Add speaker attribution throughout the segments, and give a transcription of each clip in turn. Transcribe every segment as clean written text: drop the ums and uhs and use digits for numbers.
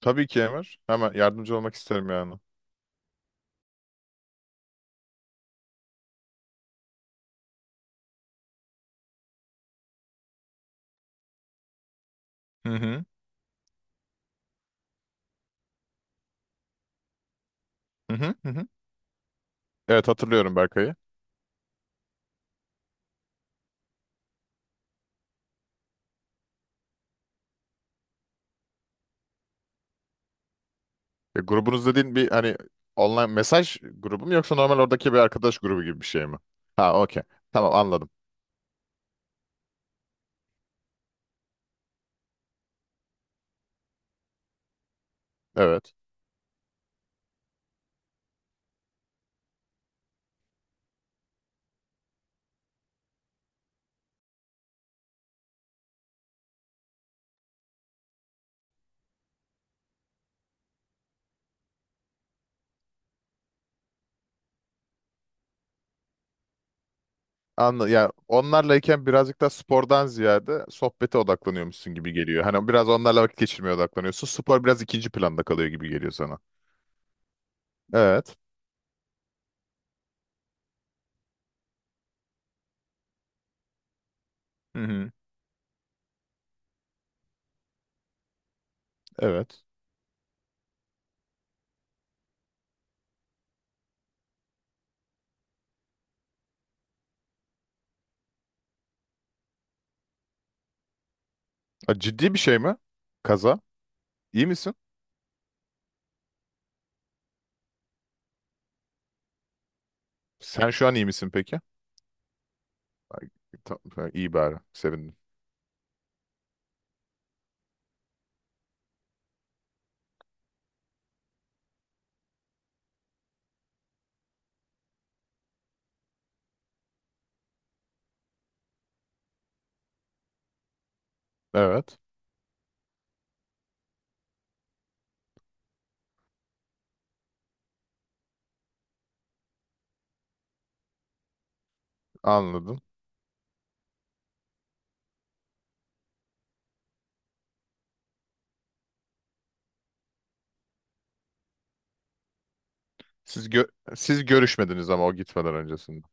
Speaker 1: Tabii ki Emir. Hemen yardımcı olmak isterim yani. Hı hı. Hı hı. Hı hı. Evet, hatırlıyorum Berkay'ı. Ya, grubunuz dediğin bir hani online mesaj grubu mu, yoksa normal oradaki bir arkadaş grubu gibi bir şey mi? Ha, okey. Tamam, anladım. Evet. Anla ya, onlarlayken birazcık daha spordan ziyade sohbete odaklanıyormuşsun gibi geliyor. Hani biraz onlarla vakit geçirmeye odaklanıyorsun. Spor biraz ikinci planda kalıyor gibi geliyor sana. Evet. Hı hı. Evet. Ha, ciddi bir şey mi? Kaza. İyi misin? Sen şu an iyi misin peki? Ay, İyi bari. Sevindim. Evet. Anladım. Siz gö- siz görüşmediniz ama o gitmeden öncesinde.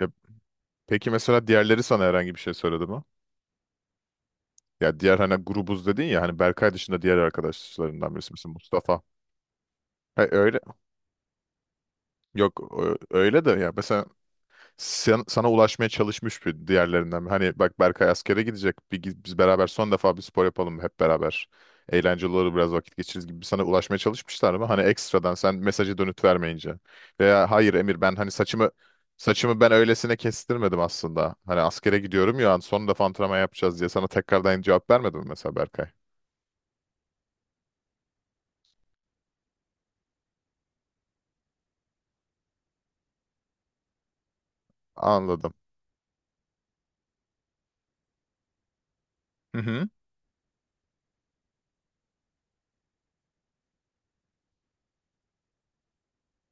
Speaker 1: Ya, peki mesela diğerleri sana herhangi bir şey söyledi mi? Ya diğer hani grubuz dedin ya, hani Berkay dışında diğer arkadaşlarından birisi misin? Mustafa. Ha, öyle. Yok ö- Öyle de ya, mesela sana ulaşmaya çalışmış bir diğerlerinden. Hani bak, Berkay askere gidecek. Biz beraber son defa bir spor yapalım hep beraber. Eğlenceli olur, biraz vakit geçiririz gibi sana ulaşmaya çalışmışlar mı? Hani ekstradan sen mesajı dönüt vermeyince. Veya hayır Emir, ben hani saçımı ben öylesine kestirmedim aslında. Hani askere gidiyorum ya, son defa antrenman yapacağız diye sana tekrardan cevap vermedim mi mesela Berkay? Anladım. Hı hı.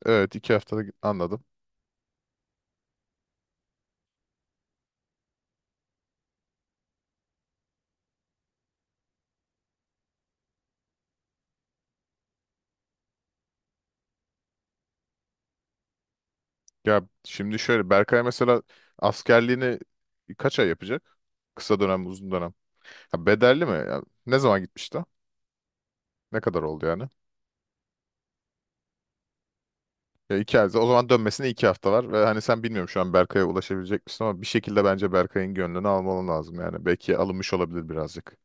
Speaker 1: Evet, iki haftada anladım. Ya şimdi şöyle, Berkay mesela askerliğini kaç ay yapacak? Kısa dönem mi, uzun dönem? Ha, bedelli mi? Ya, ne zaman gitmişti? Ne kadar oldu yani? Ya iki ay. O zaman dönmesine iki hafta var. Ve hani sen, bilmiyorum şu an Berkay'a ulaşabilecek misin, ama bir şekilde bence Berkay'ın gönlünü almalı lazım yani. Belki alınmış olabilir birazcık.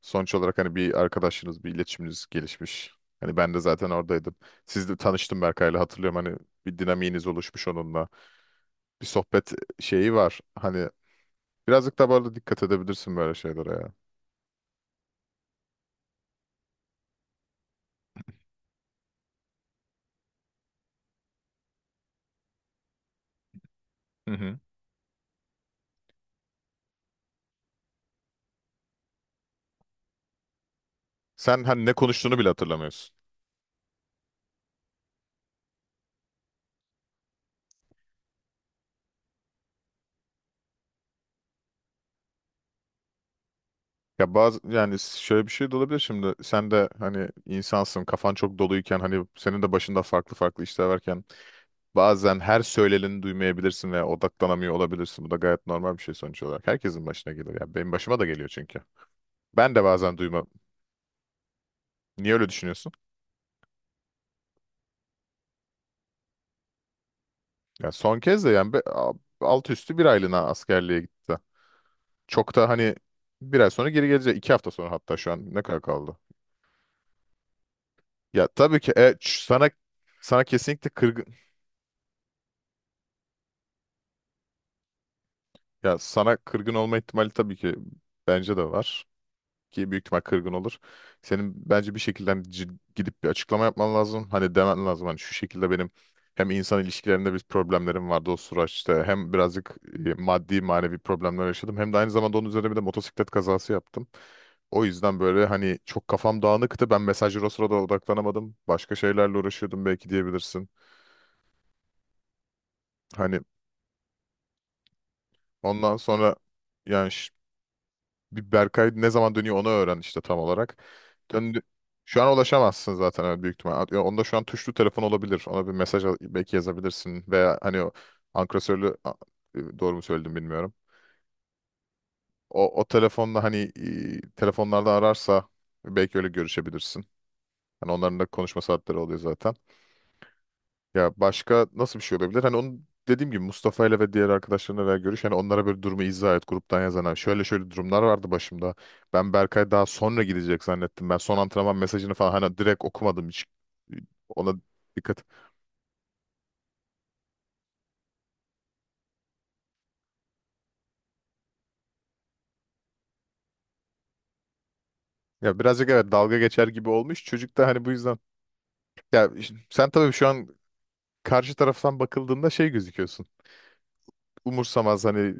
Speaker 1: Sonuç olarak hani bir arkadaşınız, bir iletişiminiz gelişmiş. Hani ben de zaten oradaydım. Siz de tanıştım Berkay'la, hatırlıyorum hani bir dinamiğiniz oluşmuş onunla. Bir sohbet şeyi var. Hani birazcık daha böyle dikkat edebilirsin böyle şeylere ya. Hı hı. Sen hani ne konuştuğunu bile hatırlamıyorsun. Ya bazı yani şöyle bir şey de olabilir şimdi. Sen de hani insansın, kafan çok doluyken, hani senin de başında farklı farklı işler varken bazen her söyleneni duymayabilirsin veya odaklanamıyor olabilirsin. Bu da gayet normal bir şey sonuç olarak. Herkesin başına gelir ya. Benim başıma da geliyor çünkü. Ben de bazen duymam. Niye öyle düşünüyorsun? Ya son kez de yani alt üstü bir aylığına askerliğe gitti. Çok da hani bir ay sonra geri gelecek. İki hafta sonra hatta, şu an ne kadar kaldı? Ya tabii ki sana kesinlikle kırgın, ya sana kırgın olma ihtimali tabii ki bence de var, ki büyük ihtimal kırgın olur. Senin bence bir şekilde hani gidip bir açıklama yapman lazım. Hani demen lazım hani şu şekilde, benim hem insan ilişkilerinde bir problemlerim vardı o süreçte, hem birazcık maddi manevi problemler yaşadım, hem de aynı zamanda onun üzerine bir de motosiklet kazası yaptım. O yüzden böyle hani çok kafam dağınıktı. Ben mesajlara o sırada odaklanamadım. Başka şeylerle uğraşıyordum belki diyebilirsin. Hani ondan sonra yani bir Berkay ne zaman dönüyor onu öğren işte tam olarak. Döndü. Şu an ulaşamazsın zaten öyle, büyük ihtimal. Onda şu an tuşlu telefon olabilir. Ona bir belki yazabilirsin. Veya hani o ankesörlü a- doğru mu söyledim bilmiyorum. O telefonla hani telefonlardan ararsa belki öyle görüşebilirsin. Hani onların da konuşma saatleri oluyor zaten. Ya başka nasıl bir şey olabilir? Hani onu, dediğim gibi Mustafa ile ve diğer arkadaşlarına da görüş. Hani onlara böyle durumu izah et, gruptan yazana. Şöyle şöyle durumlar vardı başımda. Ben Berkay daha sonra gidecek zannettim. Ben son antrenman mesajını falan hani direkt okumadım hiç. Ona dikkat. Ya birazcık evet, dalga geçer gibi olmuş. Çocuk da hani bu yüzden. Ya sen tabii şu an karşı taraftan bakıldığında şey gözüküyorsun. Umursamaz, hani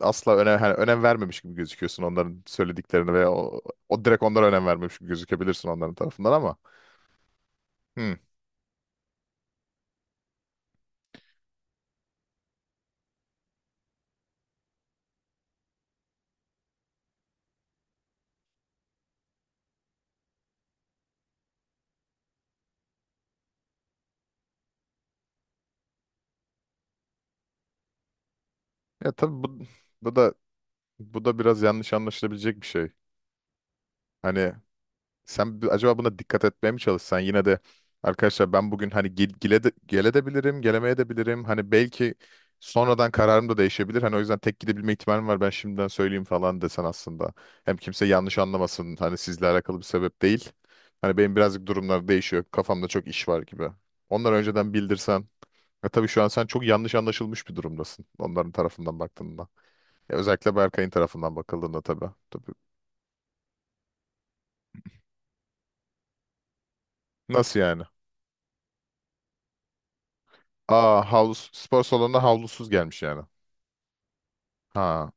Speaker 1: asla önem, hani önem vermemiş gibi gözüküyorsun onların söylediklerini, veya o, o direkt onlara önem vermemiş gibi gözükebilirsin onların tarafından ama. Hmm. Ya tabii bu da biraz yanlış anlaşılabilecek bir şey. Hani sen acaba buna dikkat etmeye mi çalışsan yine de, arkadaşlar ben bugün hani gele de bilirim, gelemeye de bilirim. Hani belki sonradan kararım da değişebilir. Hani o yüzden tek gidebilme ihtimalim var. Ben şimdiden söyleyeyim falan desen aslında. Hem kimse yanlış anlamasın. Hani sizle alakalı bir sebep değil. Hani benim birazcık durumlar değişiyor. Kafamda çok iş var gibi. Onları önceden bildirsen. Ya tabii şu an sen çok yanlış anlaşılmış bir durumdasın. Onların tarafından baktığında. Ya özellikle Berkay'ın tarafından bakıldığında tabii. Tabii. Nasıl yani? Aa, havlu, spor salonuna havlusuz gelmiş yani. Ha.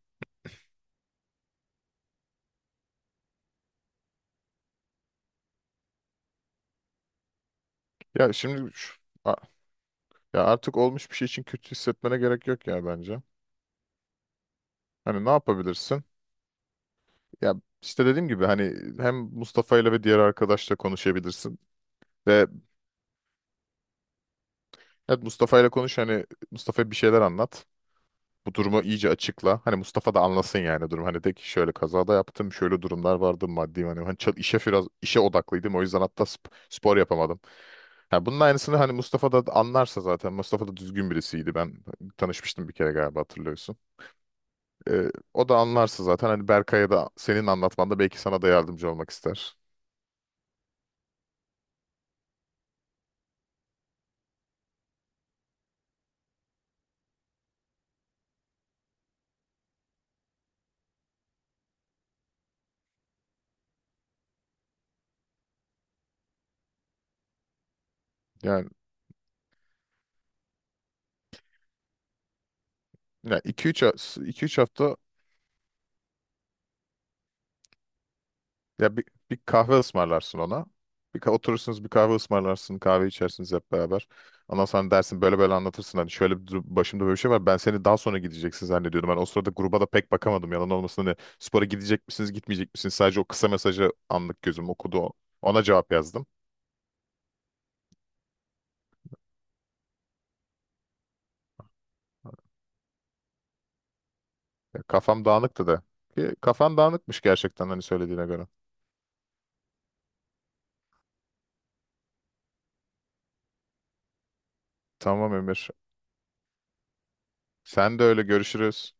Speaker 1: Ya şimdi a- ya artık olmuş bir şey için kötü hissetmene gerek yok ya bence. Hani ne yapabilirsin? Ya işte dediğim gibi hani hem Mustafa ile ve diğer arkadaşla konuşabilirsin. Ve evet, Mustafa ile konuş, hani Mustafa'ya bir şeyler anlat. Bu durumu iyice açıkla. Hani Mustafa da anlasın yani durum. Hani de ki şöyle, kazada yaptım, şöyle durumlar vardı maddi. Hani işe biraz işe odaklıydım. O yüzden hatta spor yapamadım. Ha, bunun aynısını hani Mustafa da anlarsa zaten. Mustafa da düzgün birisiydi. Ben tanışmıştım bir kere galiba, hatırlıyorsun. Ee, O da anlarsa zaten hani Berkay'a da senin anlatmanda belki sana da yardımcı olmak ister. Yani, yani, 2-3 hafta. Ya bir, Bir kahve ısmarlarsın ona. Oturursunuz, bir kahve ısmarlarsın, kahve içersiniz hep beraber. Ondan sonra dersin böyle böyle, anlatırsın. Hani şöyle bir başımda böyle bir şey var. Ben seni daha sonra gideceksin zannediyordum. Ben o sırada gruba da pek bakamadım. Yalan olmasın hani, spora gidecek misiniz, gitmeyecek misiniz? Sadece o kısa mesajı anlık gözüm okudu. O. Ona cevap yazdım. Ya kafam dağınıktı da. Ki kafan dağınıkmış gerçekten hani söylediğine göre. Tamam Emir. Sen de öyle, görüşürüz.